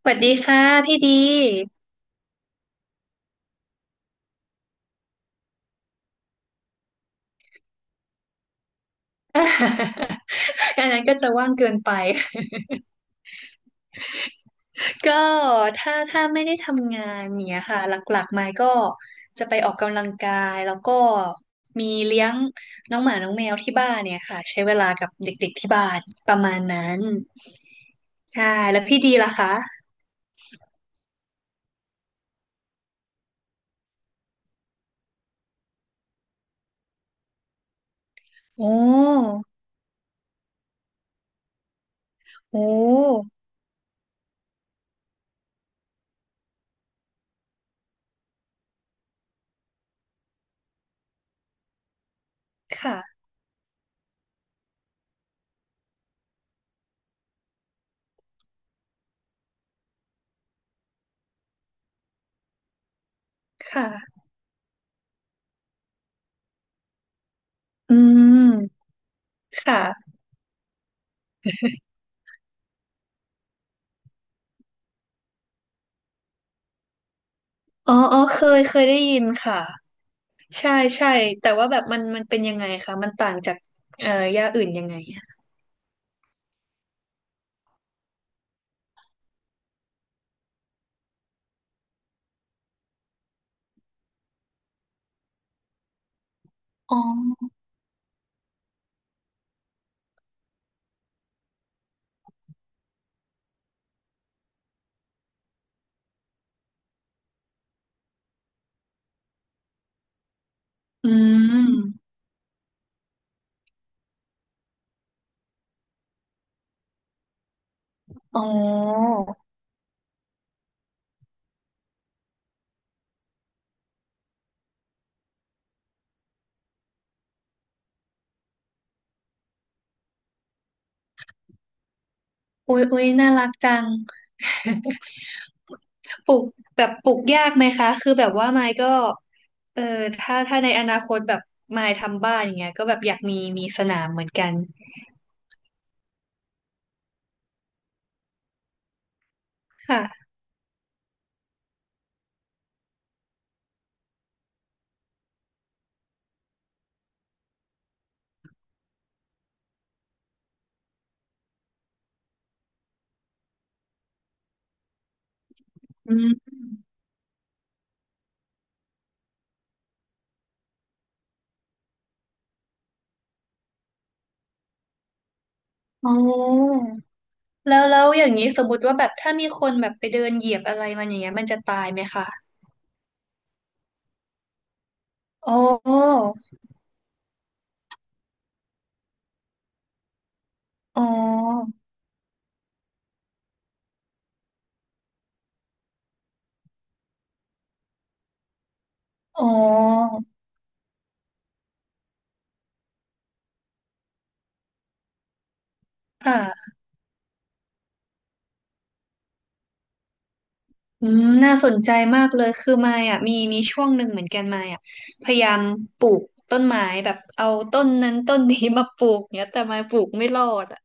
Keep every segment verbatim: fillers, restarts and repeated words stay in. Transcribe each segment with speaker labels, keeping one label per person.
Speaker 1: สวัสดีค่ะพี่ดีอะ อันนั้นก็จะว่างเกินไป ก็ถ้าถ้าไม่ได้ทำงานเนี่ยค่ะหลักๆมายก็จะไปออกกำลังกายแล้วก็มีเลี้ยงน้องหมาน้องแมวที่บ้านเนี่ยค่ะใช้เวลากับเด็กๆที่บ้านประมาณนั้นใช่แล้วพี่ดีล่ะคะโอ้โอ้ค่ะค่ะอืมค่ะอ๋ออ๋อเคยเคยได้ยินค่ะ ใช่ใช่แต่ว่าแบบมันมันเป็นยังไงคะมันต่างจากเอ่อย่าอื่นยังไงอะอ๋ออืมอ๋ออุ๊ยอุ๊ยน่ารักจัง ปลูกแบบปลูกยากไหมคะคือแบบว่าไมค์ก็เออถ้าถ้าในอนาคตแบบไมค์ทำบ้านอย่างเงี้ยก็แบบอยากมีมีสนามเหมือนกันค่ะอืมอ๋อแล้วแล้วอย่างนี้สมมติว่าแบบถ้ามีคนแบบไปเดินเหยียบอะไรมันอย่างเงี้ยมันจะตายไหมคะอ๋ออ๋ออ๋อ ค่ะอืมน่าสนใจมากเลยคือมายอ่ะมีมีช่วงหนึ่งเหมือนกันมายอ่ะพยายามปลูกต้นไม้แบบเอาต้นนั้นต้นนี้มาปลูก เนี้ยแต่มายปลูกไม่รอดอ่ะ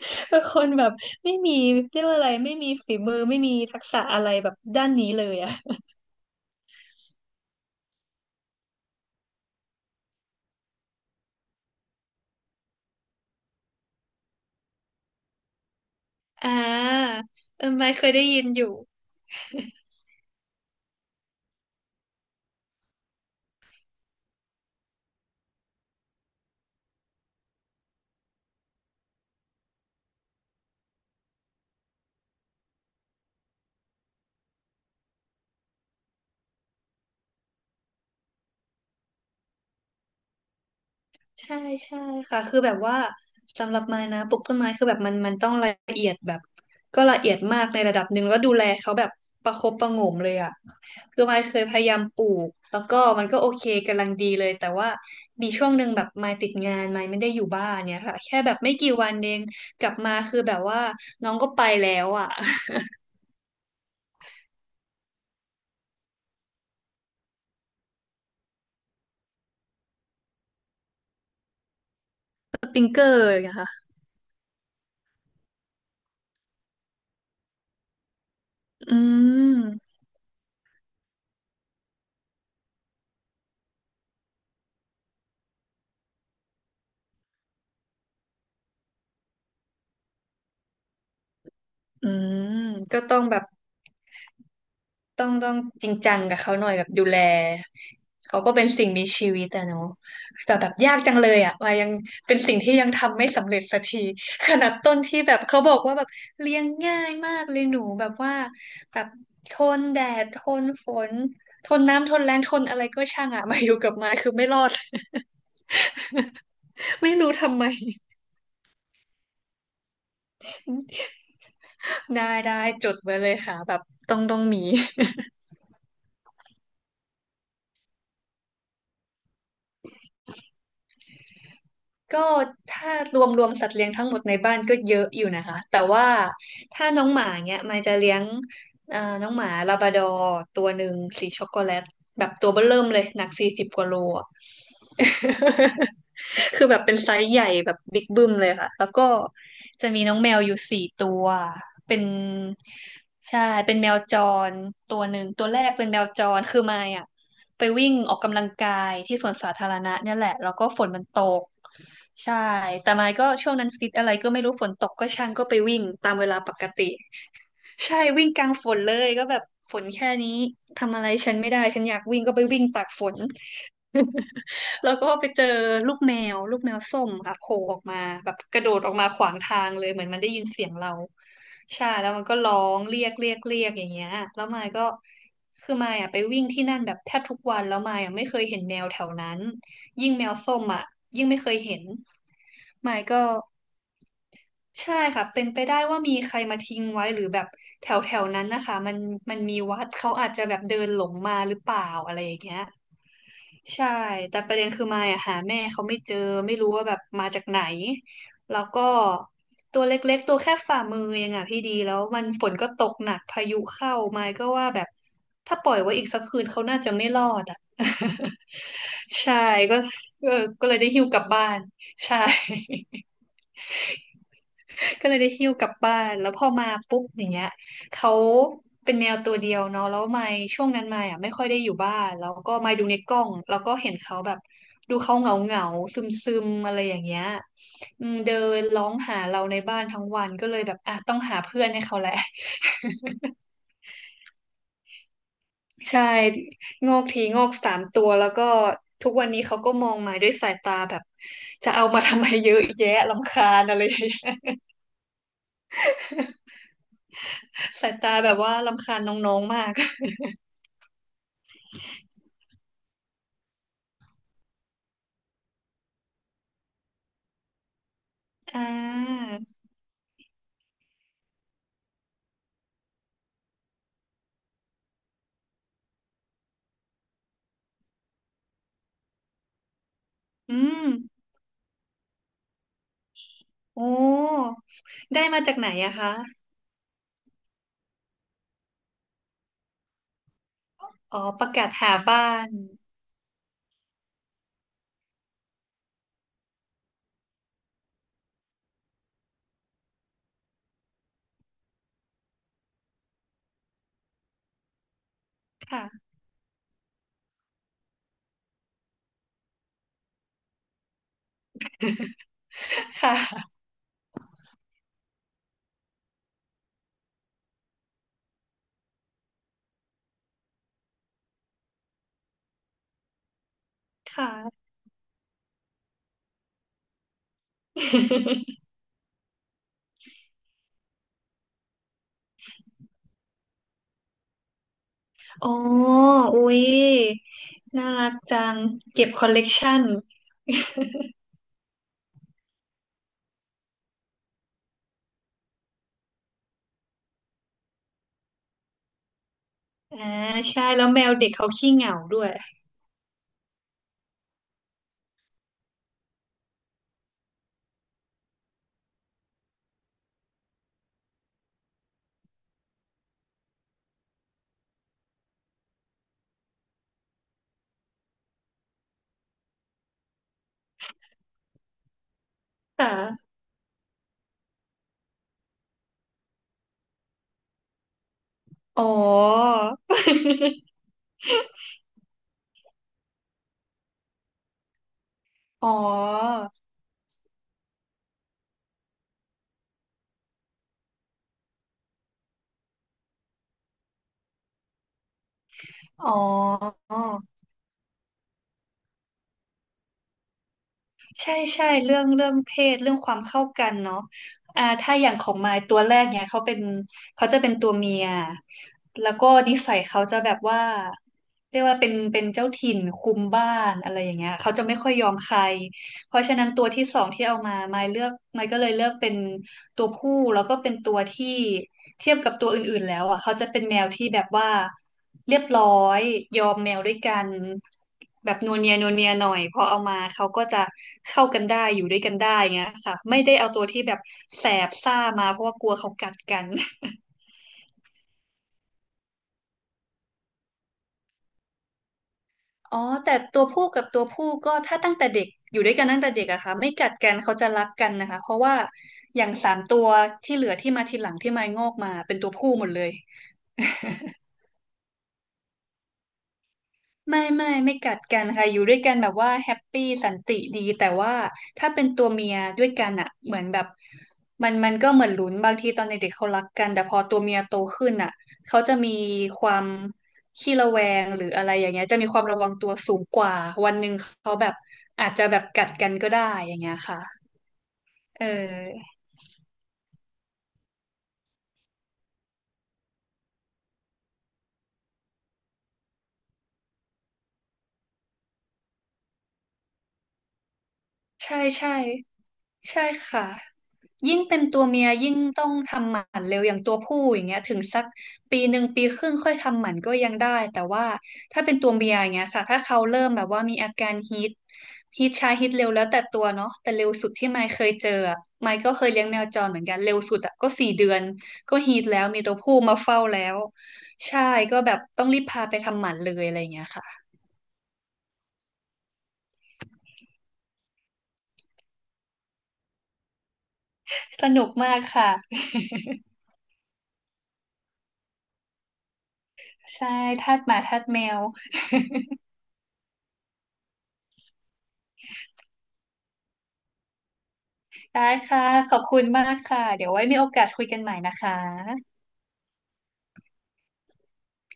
Speaker 1: เป็นคนแบบไม่มีเรียกว่าอะไร ไม่มีฝีมือ ไม่มีทักษะอะไรแบบด้านนี้เลยอ่ะ อ่าเออมายเคยได้ยินอยู่ ใช่ใช่ค่ะคือแบบว่าสำหรับไม้นะปลูกต้นไม้คือแบบมันมันต้องละเอียดแบบก็ละเอียดมากในระดับหนึ่งแล้วดูแลเขาแบบประคบประหงมเลยอ่ะคือไม้เคยพยายามปลูกแล้วก็มันก็โอเคกำลังดีเลยแต่ว่ามีช่วงหนึ่งแบบไม้ติดงานไม้ไม่ได้อยู่บ้านเนี่ยค่ะแค่แบบไม่กี่วันเองกลับมาคือแบบว่าน้องก็ไปแล้วอ่ะ สปริงเกอร์อย่างเงี้ยค่ะอืมอืมก็ต้องแบบ ต้องต้องจริงจังกับเขาหน่อยแบบดูแลเขาก็เป็นสิ่งมีชีวิตอะเนาะแต่แบบยากจังเลยอะว่ายังเป็นสิ่งที่ยังทำไม่สำเร็จสักทีขนาดต้นที่แบบเขาบอกว่าแบบเลี้ยงง่ายมากเลยหนูแบบว่าแบบทนแดดทนฝนทนน้ำทนแรงทนอะไรก็ช่างอะมาอยู่กับไม้คือไม่รอด ไม่รู้ทำไมได้ได้จดไว้เลยค่ะแบบต้องต้องมี ก็ถ้ารวมรวมสัตว์เลี้ยงทั้งหมดในบ้านก็เยอะอยู่นะคะแต่ว่าถ้าน้องหมาเนี้ยมายจะเลี้ยงเอ่อน้องหมาลาบราดอร์ตัวหนึ่งสีช็อกโกแลตแบบตัวเบ้อเริ่มเลยหนักสี่สิบกว่าโล คือแบบเป็นไซส์ใหญ่แบบบิ๊กบึ้มเลยค่ะแล้วก็จะมีน้องแมวอยู่สี่ตัวเป็นใช่เป็นแมวจรตัวหนึ่งตัวแรกเป็นแมวจรคือมายอ่ะไปวิ่งออกกำลังกายที่สวนสาธารณะเนี่ยแหละแล้วก็ฝนมันตกใช่แต่มายก็ช่วงนั้นฟิตอะไรก็ไม่รู้ฝนตกก็ช่างก็ไปวิ่งตามเวลาปกติใช่วิ่งกลางฝนเลยก็แบบฝนแค่นี้ทำอะไรฉันไม่ได้ฉันอยากวิ่งก็ไปวิ่งตากฝน แล้วก็ไปเจอลูกแมวลูกแมวส้มค่ะโผล่ออกมาแบบกระโดดออกมาขวางทางเลยเหมือนมันได้ยินเสียงเราใช่แล้วมันก็ร้องเรียกเรียกเรียกอย่างเงี้ยแล้วมายก็คือมายอ่ะไปวิ่งที่นั่นแบบแทบทุกวันแล้วมายอ่ะไม่เคยเห็นแมวแถวนั้นยิ่งแมวส้มอ่ะยิ่งไม่เคยเห็นมายก็ใช่ค่ะเป็นไปได้ว่ามีใครมาทิ้งไว้หรือแบบแถวแถวนั้นนะคะมันมันมีวัดเขาอาจจะแบบเดินหลงมาหรือเปล่าอะไรอย่างเงี้ย ใช่ แต่ประเด็นคือมายอะหาแม่เขาไม่เจอไม่รู้ว่าแบบมาจากไหน แล้วก็ตัวเล็กๆตัวแค่ฝ่ามือเองอะพี่ดีแล้วมันฝนก็ตกหนักพายุเข้ามายก็ว่าแบบถ้าปล่อยไว้อีกสักคืนเขาน่าจะไม่รอดอะ ใช่ก็เออก็เลยได้หิ้วกลับบ้านใช่ ก็เลยได้หิ้วกลับบ้าน แล้วพอมาปุ๊บอย่างเงี้ยเขาเป็นแนวตัวเดียวเนาะแล้วมายช่วงนั้นมายอ่ะไม่ค่อยได้อยู่บ้านแล้วก็มายดูในกล้องแล้วก็เห็นเขาแบบดูเขาเหงาเหงาซึมซึมๆอะไรอย่างเงี้ยอืมเดินร้องหาเราในบ้านทั้งวันก็เลยแบบอ่ะต้องหาเพื่อนให้เขาแหละ ใช่งอกทีงอกสามตัวแล้วก็ทุกวันนี้เขาก็มองมาด้วยสายตาแบบจะเอามาทำไมเยอะแยะรำคาญอะไรอย่างเงี้ยสายตาแบบว่ารำคาญน้องๆมาก อ่าอืมโอ้ได้มาจากไหนอะคะ อ๋อ ประกาศหาบ้าน ค่ะ ค่ะ ค่ะ โอ้อุ๊ยน่ารักจังเก็บคอลเลกชันอ่าใช่ แล้วแมวเด็กเขาขี้เหงาด้วย ค่ะ อ๋อ อ๋อ อ๋อ ใช่ใช่เรื่องเรื่องเพศเรื่องความเข้ากันเนาะอ่าถ้าอย่างของมายตัวแรกเนี่ยเขาเป็นเขาจะเป็นตัวเมียแล้วก็นิสัยเขาจะแบบว่าเรียกว่าเป็นเป็นเจ้าถิ่นคุมบ้านอะไรอย่างเงี้ยเขาจะไม่ค่อยยอมใคร เพราะฉะนั้นตัวที่สองที่เอามาไม่เลือกไม่ก็เลยเลือกเป็นตัวผู้แล้วก็เป็นตัวที่เทียบกับตัวอื่นๆแล้วอ่ะเขาจะเป็นแมวที่แบบว่าเรียบร้อยยอมแมวด้วยกันแบบนัวเนียนัวเนียหน่อยพอเอามาเขาก็จะเข้ากันได้อยู่ด้วยกันได้เงี้ยค่ะไม่ได้เอาตัวที่แบบแสบซ่ามาเพราะว่ากลัวเขากัดกัน อ๋อแต่ตัวผู้กับตัวผู้ก็ถ้าตั้งแต่เด็กอยู่ด้วยกันตั้งแต่เด็กอะค่ะไม่กัดกันเขาจะรักกันนะคะเพราะว่าอย่างสามตัวที่เหลือที่มาทีหลังที่มายงอกมาเป็นตัวผู้หมดเลย ไม่ไม่ไม่กัดกันค่ะอยู่ด้วยกันแบบว่าแฮปปี้สันติดีแต่ว่าถ้าเป็นตัวเมียด้วยกันอ่ะเหมือนแบบมันมันก็เหมือนลุ้นบางทีตอนเด็กๆเขารักกันแต่พอตัวเมียโตขึ้นอ่ะเขาจะมีความขี้ระแวงหรืออะไรอย่างเงี้ยจะมีความระวังตัวสูงกว่าวันหนึ่งเขาแบบอาจจะแบบกัดกันก็ได้อย่างเงี้ยค่ะเออใช่ใช่ ใช่ค่ะยิ่งเป็นตัวเมียยิ่งต้องทำหมันเร็วอย่างตัวผู้อย่างเงี้ยถึงสักปีหนึ่งปีครึ่งค่อยทำหมันก็ยังได้แต่ว่าถ้าเป็นตัวเมียอย่างเงี้ยค่ะถ้าเขาเริ่มแบบว่ามีอาการฮีทฮีทชาฮีทเร็วแล้วแต่ตัวเนาะแต่เร็วสุดที่ไมค์เคยเจออะไมค์ก็เคยเลี้ยงแมวจรเหมือนกันเร็วสุดอะก็สี่เดือนก็ฮีทแล้วมีตัวผู้มาเฝ้าแล้วใช่ก็แบบต้องรีบพาไปทำหมันเลยอะไรอย่างเงี้ยค่ะสนุกมากค่ะใช่ทาสหมาทาสแมว ได้ค่ะขอบคุณมากค่ะเดี๋ยวไว้มีโอกาสคุยกันใหม่นะคะ